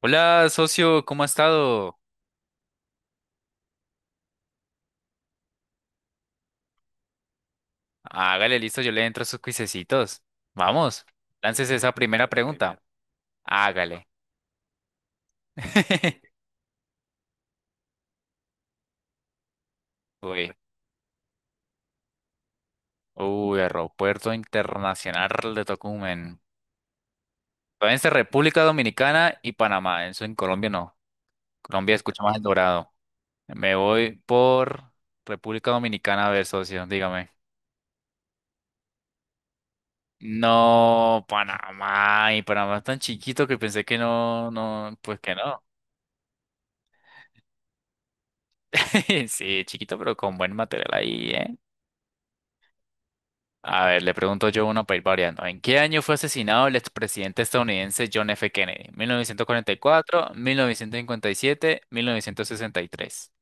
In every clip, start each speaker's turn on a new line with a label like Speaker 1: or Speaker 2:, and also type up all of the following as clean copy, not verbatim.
Speaker 1: Hola, socio, ¿cómo ha estado? Hágale, listo, yo le entro a sus cuisecitos. Vamos, láncese esa primera pregunta. Hágale. Uy, uy, Aeropuerto Internacional de Tocumen. Todavía está República Dominicana y Panamá. Eso en Colombia no. Colombia escucha más el dorado. Me voy por República Dominicana, a ver, socio, dígame. No, Panamá. Y Panamá es tan chiquito que pensé que no, no, pues que no. Sí, chiquito, pero con buen material ahí, ¿eh? A ver, le pregunto yo uno para ir variando. ¿En qué año fue asesinado el expresidente estadounidense John F. Kennedy? ¿1944, 1957, 1963?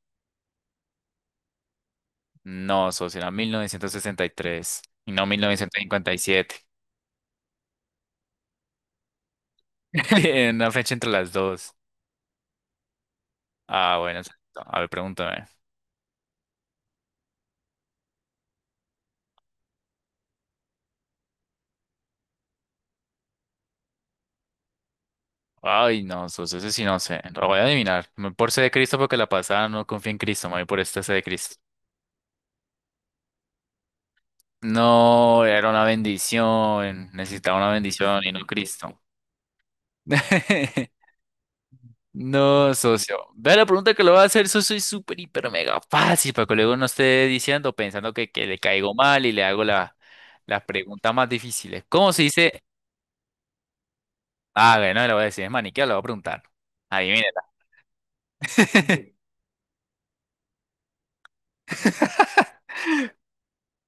Speaker 1: No, socio, era 1963 y tres y no 1957. Una fecha entre las dos. Ah, bueno, exacto. A ver, pregúntame. Ay, no, socio, ese sí no sé. Lo voy a adivinar. Me voy por C de Cristo porque la pasada no confía en Cristo. Me voy por esta C de Cristo. No, era una bendición. Necesitaba una bendición y no Cristo. No, socio. Vea la pregunta que le voy a hacer, socio, es súper, hiper, mega fácil para que luego no esté diciendo, pensando que le caigo mal y le hago las preguntas más difíciles. ¿Cómo se dice? Ah, bueno, le voy a decir, es maniqueo, le voy a preguntar. Adivínela.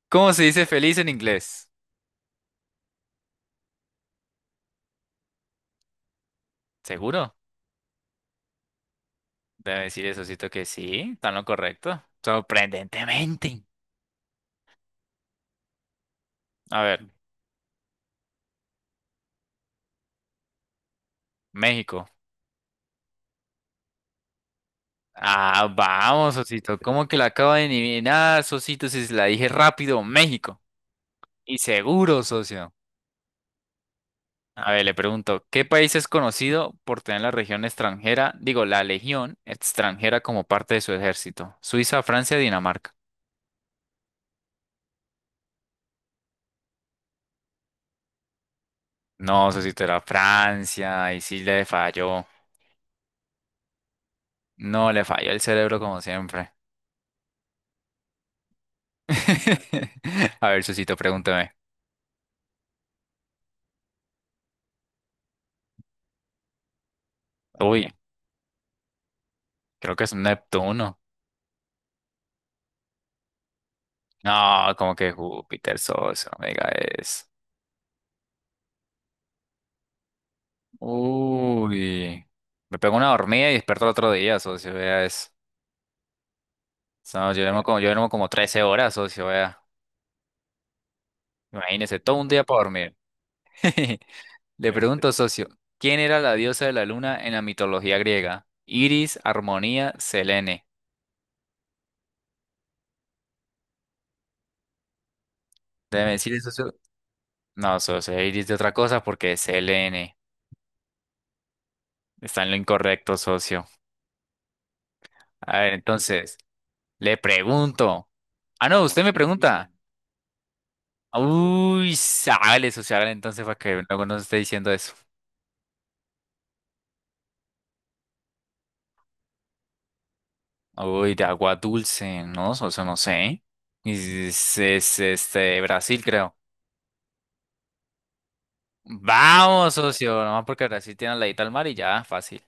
Speaker 1: ¿Cómo se dice feliz en inglés? ¿Seguro? Debe decir eso, que sí, está en lo correcto. Sorprendentemente. A ver, México. Ah, vamos, Sosito. ¿Cómo que la acabo de adivinar, Sosito? Si se la dije rápido, México. Y seguro, socio. A ver, le pregunto, ¿qué país es conocido por tener la región extranjera, digo, la legión extranjera como parte de su ejército? Suiza, Francia, Dinamarca. No, Sosito, era Francia. Y sí le falló. No, le falló el cerebro como siempre. A ver, Sosito, pregúntame. Uy, creo que es un Neptuno. No, como que Júpiter, socio, no me diga eso. Uy, me pegó una dormida y despertó el otro día, socio, vea eso. No, yo duermo como 13 horas, socio, vea. Imagínese, todo un día para dormir. Le pregunto, socio, ¿quién era la diosa de la luna en la mitología griega? Iris, Armonía, Selene. Déjeme decirle, socio. No, socio, Iris de otra cosa porque es Selene. Está en lo incorrecto, socio. A ver, entonces, le pregunto. Ah, no, usted me pregunta. Uy, sale social, entonces para que luego nos esté diciendo eso. Uy, de agua dulce, ¿no? Socio, no sé. Este, Brasil, creo. Vamos, socio, nomás porque Brasil tiene la ladito al mar y ya, fácil.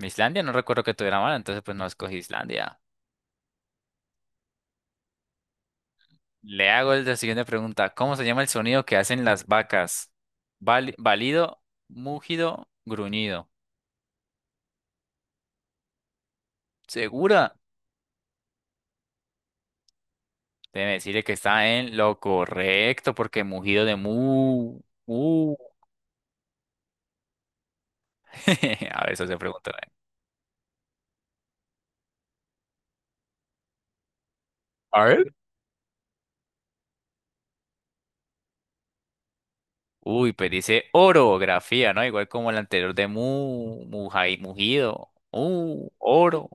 Speaker 1: Islandia no recuerdo que tuviera mar, entonces pues no escogí Islandia. Le hago la siguiente pregunta. ¿Cómo se llama el sonido que hacen las vacas? Válido, mugido, gruñido. ¿Segura? Debe decirle que está en lo correcto, porque mugido de mu. Mu. A ver, eso se pregunta. A ver. Uy, pero dice orografía, ¿no? Igual como el anterior de mu, mugido. Oro.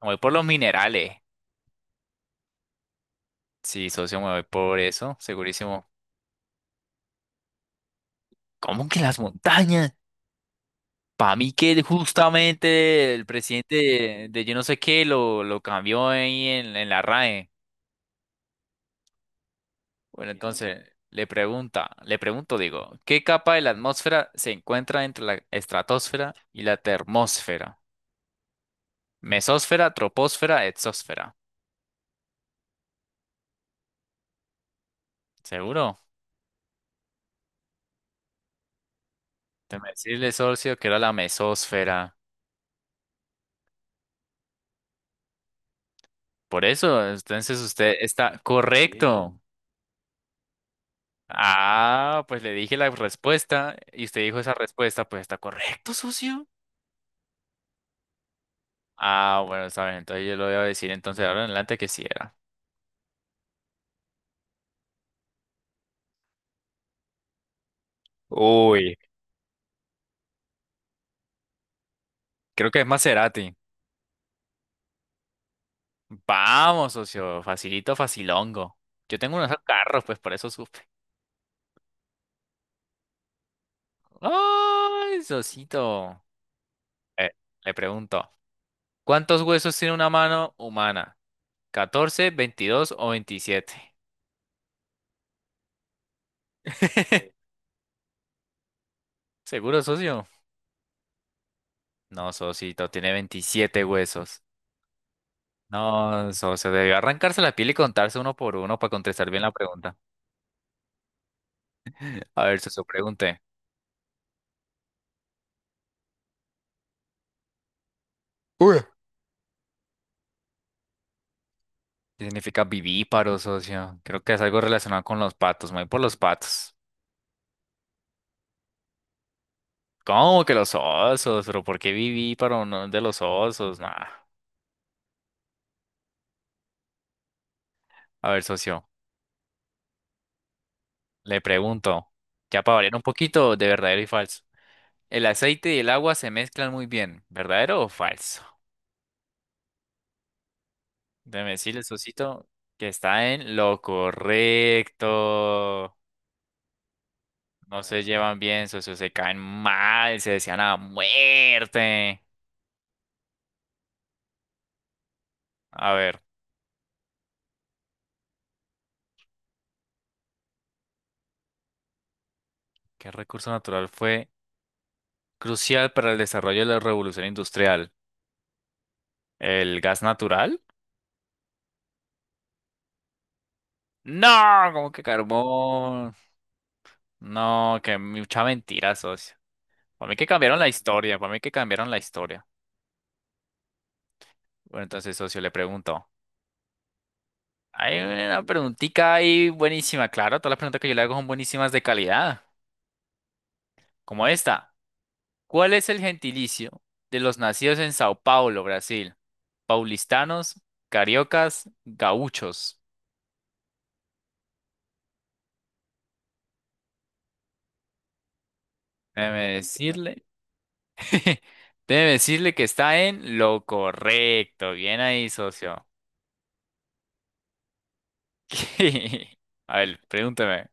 Speaker 1: Me voy por los minerales. Sí, socio, me voy por eso, segurísimo. ¿Cómo que las montañas? Para mí que justamente el presidente de yo no sé qué lo cambió ahí en la RAE. Bueno, ya, entonces le pregunto, digo, ¿qué capa de la atmósfera se encuentra entre la estratosfera y la termósfera? Mesósfera, troposfera, exósfera. ¿Seguro? Te me decirle, socio, que era la mesósfera. Por eso, entonces usted está bien, correcto. Ah, pues le dije la respuesta y usted dijo esa respuesta, pues está correcto, socio. Ah, bueno, está bien, entonces yo lo voy a decir entonces ahora en adelante que sí era. Uy, creo que es Maserati. Vamos, socio. Facilito, facilongo. Yo tengo unos carros, pues por eso supe. ¡Ay, socito! Eh, le pregunto, ¿cuántos huesos tiene una mano humana? 14, 22 o 27. ¿Seguro, socio? No, socito, tiene 27 huesos. No, socio, debió arrancarse la piel y contarse uno por uno para contestar bien la pregunta. A ver, socio, pregunte. Uy. ¿Qué significa vivíparo, socio? Creo que es algo relacionado con los patos. Me voy por los patos. ¿Cómo que los osos? ¿Pero por qué viví para uno de los osos? Nah. A ver, socio, le pregunto, ya para variar un poquito de verdadero y falso. El aceite y el agua se mezclan muy bien, ¿verdadero o falso? Déjeme decirle, socito, que está en lo correcto. No se llevan bien, socio, se caen mal, se desean a muerte. A ver, ¿qué recurso natural fue crucial para el desarrollo de la revolución industrial? ¿El gas natural? No, como que carbón. No, que mucha mentira, socio. Para mí que cambiaron la historia, para mí que cambiaron la historia. Bueno, entonces, socio, le pregunto. Hay una preguntita ahí buenísima, claro, todas las preguntas que yo le hago son buenísimas de calidad, como esta. ¿Cuál es el gentilicio de los nacidos en Sao Paulo, Brasil? Paulistanos, cariocas, gauchos. Déjeme decirle, déjeme decirle que está en lo correcto. Bien ahí, socio. A ver, pregúntame.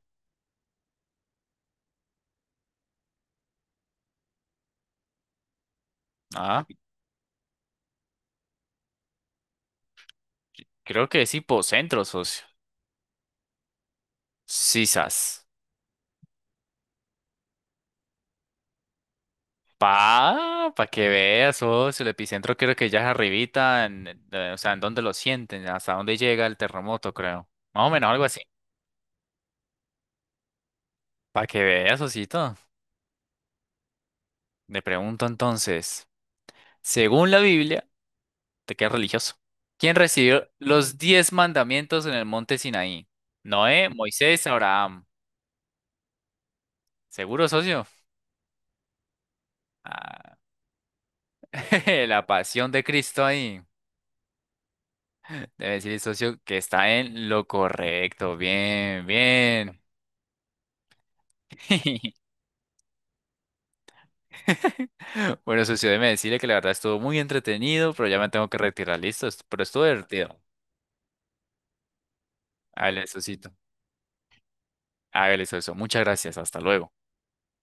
Speaker 1: Ah, creo que es hipocentro, socio. Sisas. Pa que veas, socio. El epicentro creo que ya es arribita, o sea, en dónde lo sienten, hasta dónde llega el terremoto, creo. Más o menos algo así. Pa que veas, socito. Le pregunto entonces, según la Biblia, te quedas religioso. ¿Quién recibió los 10 mandamientos en el monte Sinaí? Noé, Moisés, Abraham. ¿Seguro, socio? Ah, la pasión de Cristo ahí. Debe decirle, socio, que está en lo correcto. Bien, bien. Bueno, socio, déjeme decirle que la verdad estuvo muy entretenido, pero ya me tengo que retirar. Listo, pero estuvo divertido. Hágale, socito. Hágale, socio. Muchas gracias. Hasta luego.